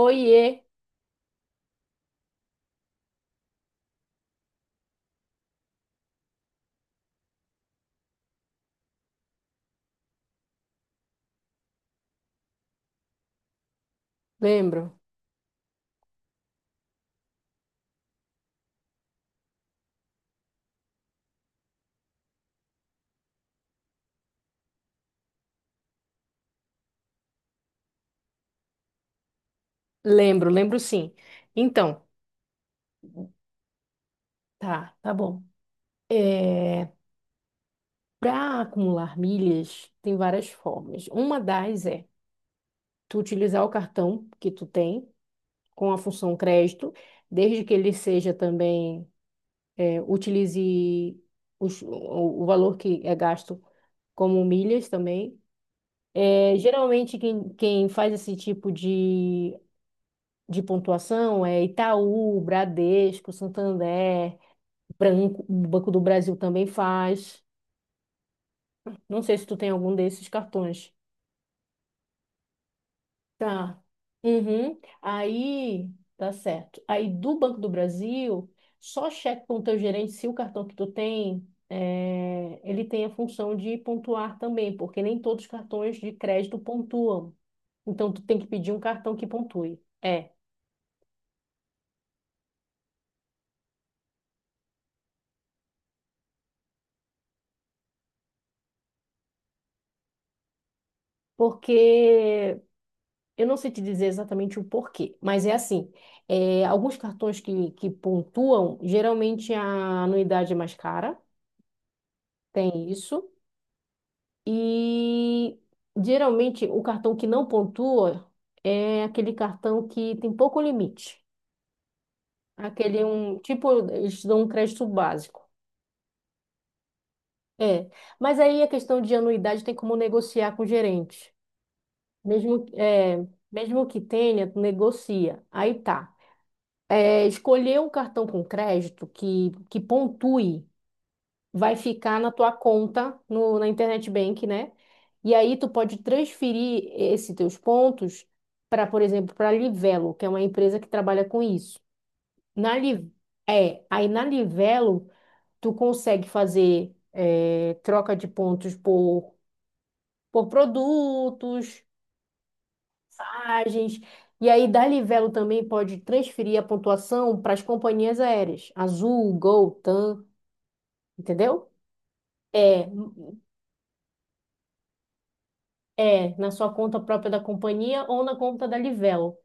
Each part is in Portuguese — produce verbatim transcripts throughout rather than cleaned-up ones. Oiê, lembro, lembro, lembro sim. Então, tá, tá bom. É, Para acumular milhas, tem várias formas. Uma das é tu utilizar o cartão que tu tem com a função crédito, desde que ele seja também, é, utilize os- o, o valor que é gasto como milhas também. É, geralmente, quem, quem faz esse tipo de, de pontuação é Itaú, Bradesco, Santander. Branco, o Banco do Brasil também faz. Não sei se tu tem algum desses cartões. Tá. Uhum. Aí, tá certo. Aí do Banco do Brasil, só cheque com o teu gerente se o cartão que tu tem, é, ele tem a função de pontuar também, porque nem todos os cartões de crédito pontuam. Então, tu tem que pedir um cartão que pontue. É, porque eu não sei te dizer exatamente o porquê, mas é assim, é, alguns cartões que, que pontuam, geralmente a anuidade é mais cara, tem isso, e geralmente o cartão que não pontua é aquele cartão que tem pouco limite, aquele é um, tipo, eles dão um crédito básico. É, mas aí a questão de anuidade tem como negociar com o gerente, mesmo, é, mesmo que tenha, tu negocia, aí tá. É, escolher um cartão com crédito que, que pontue, vai ficar na tua conta no, na Internet Bank, né? E aí tu pode transferir esses teus pontos para, por exemplo, para a Livelo, que é uma empresa que trabalha com isso. Na Li, é, aí na Livelo tu consegue fazer é, troca de pontos por, por produtos, mensagens. E aí, da Livelo também pode transferir a pontuação para as companhias aéreas, Azul, Gol, tam, entendeu? É, é na sua conta própria da companhia ou na conta da Livelo.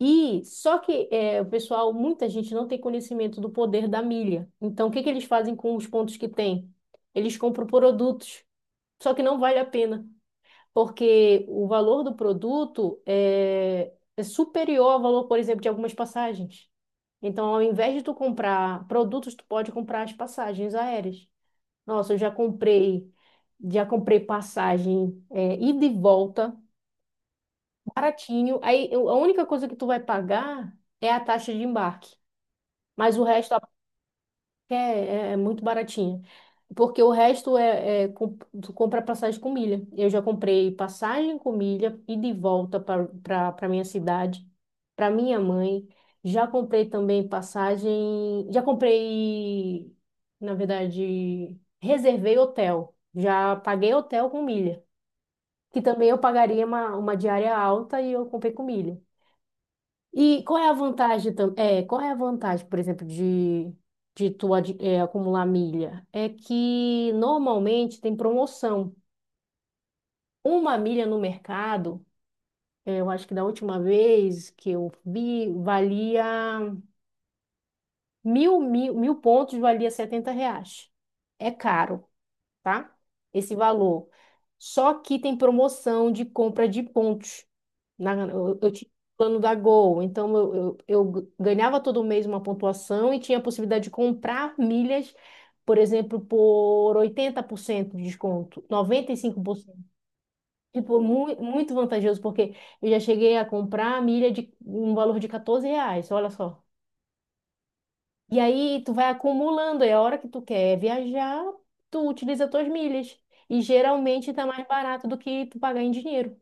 E só que é, o pessoal, muita gente não tem conhecimento do poder da milha. Então, o que que eles fazem com os pontos que têm? Eles compram produtos, só que não vale a pena, porque o valor do produto é, é superior ao valor, por exemplo, de algumas passagens. Então, ao invés de tu comprar produtos, tu pode comprar as passagens aéreas. Nossa, eu já comprei, já comprei passagem é, ida e volta, baratinho. Aí, eu- a única coisa que tu vai pagar é a taxa de embarque. Mas o resto, a é, é é muito baratinha. Porque o resto é, é com- tu compra passagem com milha. Eu já comprei passagem com milha e de volta para para minha cidade, para minha mãe. Já comprei também passagem. Já comprei, na verdade, reservei hotel. Já paguei hotel com milha. Que também eu pagaria uma, uma diária alta e eu comprei com milha. E qual é a vantagem também? Qual é a vantagem, por exemplo, de, de tu ad- é, acumular milha? É que normalmente tem promoção. Uma milha no mercado, é, eu acho que da última vez que eu vi, valia mil, mil, mil pontos, valia setenta reais. É caro. Tá? Esse valor. Só que tem promoção de compra de pontos. Na, eu, eu tinha o plano da Gol, então eu, eu, eu ganhava todo mês uma pontuação e tinha a possibilidade de comprar milhas, por exemplo, por oitenta por cento de desconto, noventa e cinco por cento. Tipo, mu muito vantajoso, porque eu já cheguei a comprar milha de um valor de quatorze reais, olha só. E aí tu vai acumulando, e a hora que tu quer viajar, tu utiliza tuas milhas. E geralmente tá mais barato do que tu pagar em dinheiro.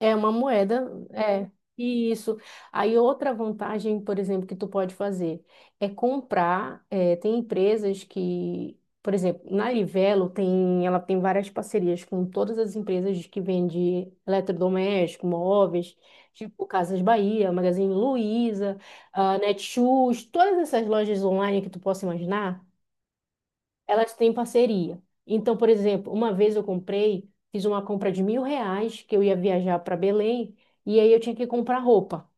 É uma moeda, é. E isso. Aí outra vantagem, por exemplo, que tu pode fazer é comprar. Eh, tem empresas que, por exemplo, na Livelo tem, ela tem várias parcerias com todas as empresas que vendem eletrodoméstico, móveis, tipo Casas Bahia, Magazine Luiza, ah, Netshoes, todas essas lojas online que tu possa imaginar elas têm parceria. Então, por exemplo, uma vez eu comprei, fiz uma compra de mil reais, que eu ia viajar para Belém, e aí eu tinha que comprar roupa.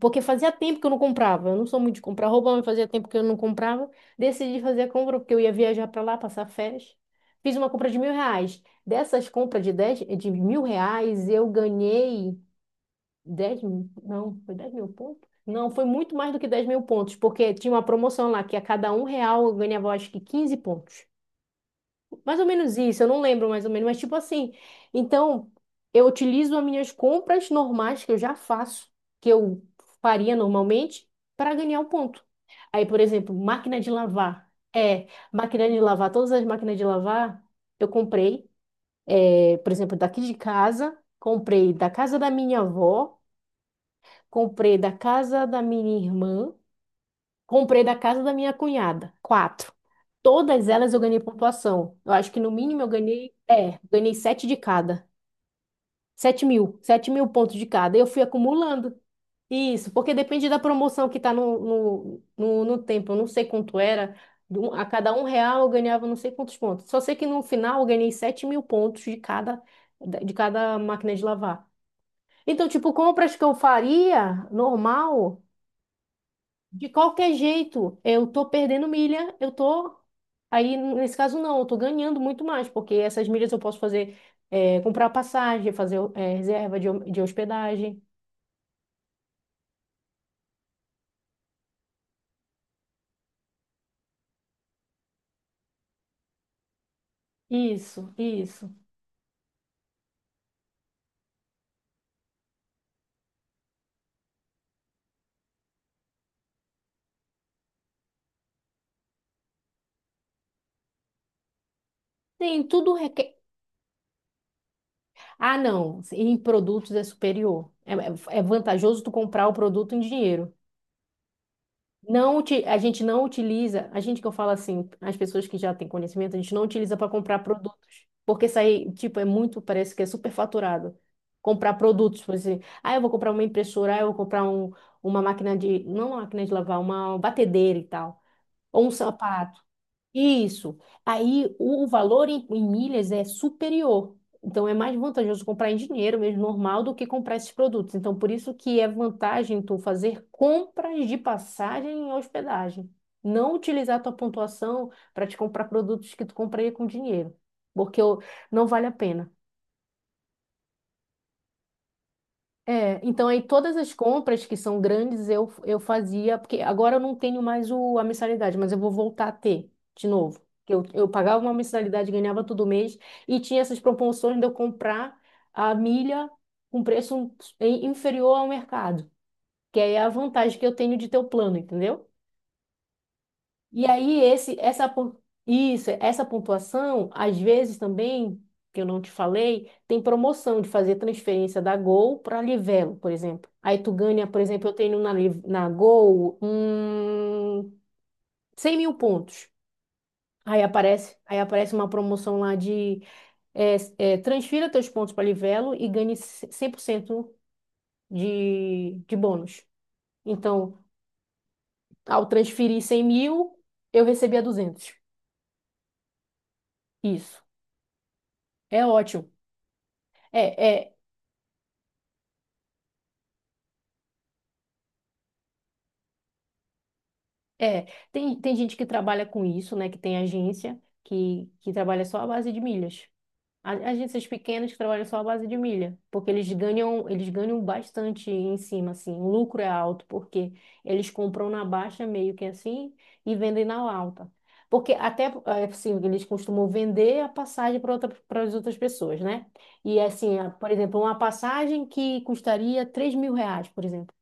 Porque fazia tempo que eu não comprava. Eu não sou muito de comprar roupa, mas fazia tempo que eu não comprava. Decidi fazer a compra porque eu ia viajar para lá, passar férias. Fiz uma compra de mil reais. Dessas compras de, dez, de mil reais, eu ganhei dez mil, não, foi dez mil pontos? Não, foi muito mais do que dez mil pontos, porque tinha uma promoção lá que a cada um real eu ganhava, acho que quinze pontos. Mais ou menos isso, eu não lembro mais ou menos, mas tipo assim. Então, eu utilizo as minhas compras normais que eu já faço, que eu faria normalmente, para ganhar um ponto. Aí, por exemplo, máquina de lavar. É, máquina de lavar, todas as máquinas de lavar eu comprei, é, por exemplo, daqui de casa, comprei da casa da minha avó, comprei da casa da minha irmã. Comprei da casa da minha cunhada, quatro. Todas elas eu ganhei pontuação. Eu acho que no mínimo eu ganhei, é, ganhei sete de cada. Sete mil, sete mil pontos de cada. Eu fui acumulando. Isso, porque depende da promoção que tá no, no, no, no tempo. Eu não sei quanto era. Do- A cada um real eu ganhava não sei quantos pontos. Só sei que no final eu ganhei sete mil pontos de cada, de cada máquina de lavar. Então, tipo, compras que eu faria normal. De qualquer jeito, eu tô perdendo milha, eu tô. Aí, nesse caso, não, eu tô ganhando muito mais, porque essas milhas eu posso fazer, é, comprar passagem, fazer, é, reserva de, de hospedagem. Isso, isso. Tem tudo requer. Ah, não, em produtos é superior. É, é é vantajoso tu comprar o produto em dinheiro. Não, uti- a gente não utiliza, a gente que eu falo assim, as pessoas que já têm conhecimento, a gente não utiliza para comprar produtos, porque isso aí, tipo, é muito, parece que é superfaturado. Comprar produtos, por exemplo, ah, eu vou comprar uma impressora, ah, eu vou comprar um, uma máquina de, não uma máquina de lavar, uma batedeira e tal, ou um sapato. Isso. Aí o valor em, em milhas é superior. Então é mais vantajoso comprar em dinheiro mesmo normal do que comprar esses produtos. Então por isso que é vantagem tu fazer compras de passagem e hospedagem. Não utilizar tua pontuação para te comprar produtos que tu compraria com dinheiro, porque eu- não vale a pena. É, então aí todas as compras que são grandes eu, eu fazia, porque agora eu não tenho mais o, a mensalidade, mas eu vou voltar a ter de novo. Que Eu, eu pagava uma mensalidade, ganhava todo mês, e tinha essas promoções de eu comprar a milha com preço in- inferior ao mercado, que aí é a vantagem que eu tenho de ter o plano, entendeu? E aí, esse, essa, pon- isso, essa pontuação, às vezes também, que eu não te falei, tem promoção de fazer transferência da Gol para Livelo, por exemplo. Aí tu ganha, por exemplo, eu tenho na, Liv- na Gol hum, cem mil pontos. Aí aparece, aí aparece uma promoção lá de é, é, transfira teus pontos para Livelo e ganhe cem por cento de, de bônus. Então, ao transferir cem mil, eu recebia duzentos. Isso. É ótimo. É, é, é. Tem, tem gente que trabalha com isso, né? Que tem agência que, que trabalha só à base de milhas. A- Agências pequenas que trabalham só à base de milha, porque eles ganham, eles ganham bastante em cima, assim. O lucro é alto, porque eles compram na baixa meio que assim e vendem na alta. Porque até, eh, assim, eles costumam vender a passagem para outra, para as outras pessoas, né? E assim, a- por exemplo, uma passagem que custaria três mil reais, por exemplo.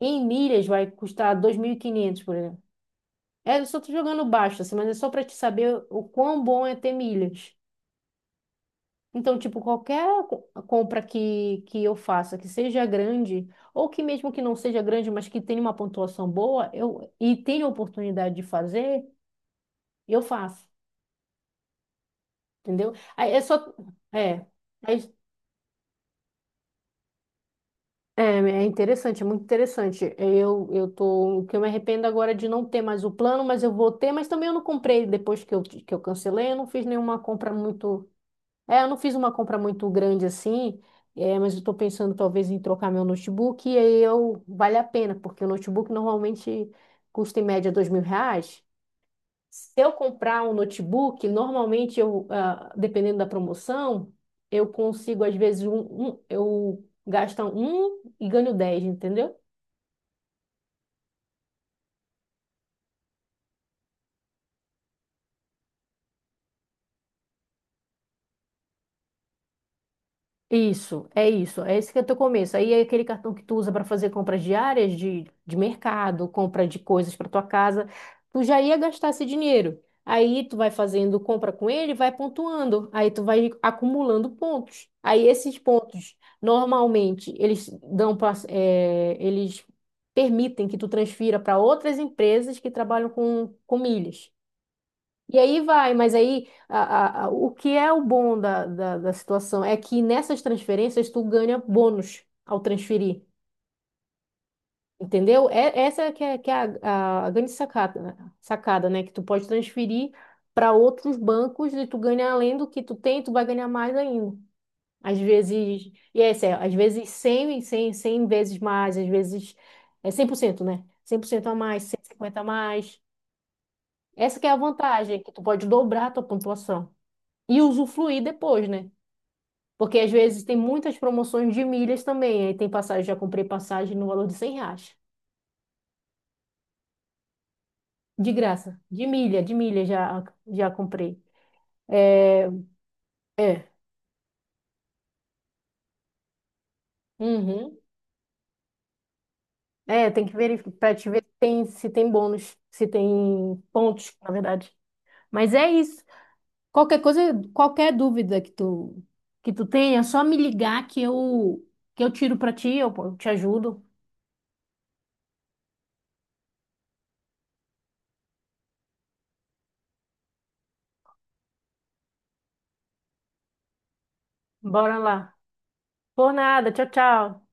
Em milhas vai custar dois mil e quinhentos por exemplo. É, eu só tô jogando baixo, assim, mas é só para te saber o quão bom é ter milhas. Então, tipo, qualquer co- compra que, que eu faça, que seja grande, ou que mesmo que não seja grande, mas que tenha uma pontuação boa, eu e tenha oportunidade de fazer, eu faço, entendeu? Aí é só. É, aí- é, é interessante, é muito interessante. Eu, eu tô. O que eu me arrependo agora é de não ter mais o plano, mas eu vou ter, mas também eu não comprei depois que eu, que eu cancelei, eu não fiz nenhuma compra muito. É, eu não fiz uma compra muito grande assim, é, mas eu estou pensando talvez em trocar meu notebook e aí eu vale a pena, porque o notebook normalmente custa em média dois mil reais. Se eu comprar um notebook, normalmente eu, ah, dependendo da promoção, eu consigo às vezes um, um- eu gasto um e ganho dez, entendeu? Isso, é isso. É esse que é o teu começo. Aí é aquele cartão que tu usa para fazer compras diárias de, de mercado, compra de coisas para tua casa. Tu já ia gastar esse dinheiro. Aí tu vai fazendo compra com ele, vai pontuando. Aí tu vai acumulando pontos. Aí esses pontos, normalmente, eles dão pra, eh, eles permitem que tu transfira para outras empresas que trabalham com, com milhas. E aí vai, mas aí a- a- a- o que é o bom da, da, da situação é que nessas transferências tu ganha bônus ao transferir, entendeu? É, essa que é, que é a, a grande sacada, né? Sacada, né? Que tu pode transferir para outros bancos e tu ganha além do que tu tem, tu vai ganhar mais ainda. Às vezes, e é sério, às vezes cem, cem cem vezes mais, às vezes é cem por cento né? Cem por cento a mais, cento e cinquenta a mais. Essa que é a vantagem, que tu pode dobrar a tua pontuação. E usufruir depois, né? Porque às vezes tem muitas promoções de milhas também. Aí tem passagem, já comprei passagem no valor de cem reais. De graça. De milha, de milha já, já comprei. É, é, uhum. É, tem que verificar para te ver se tem, se tem bônus, se tem pontos, na verdade. Mas é isso. Qualquer coisa, qualquer dúvida que tu que tu tenha, é só me ligar que eu que eu tiro para ti, eu, eu te ajudo. Bora lá. Por nada. Tchau, tchau.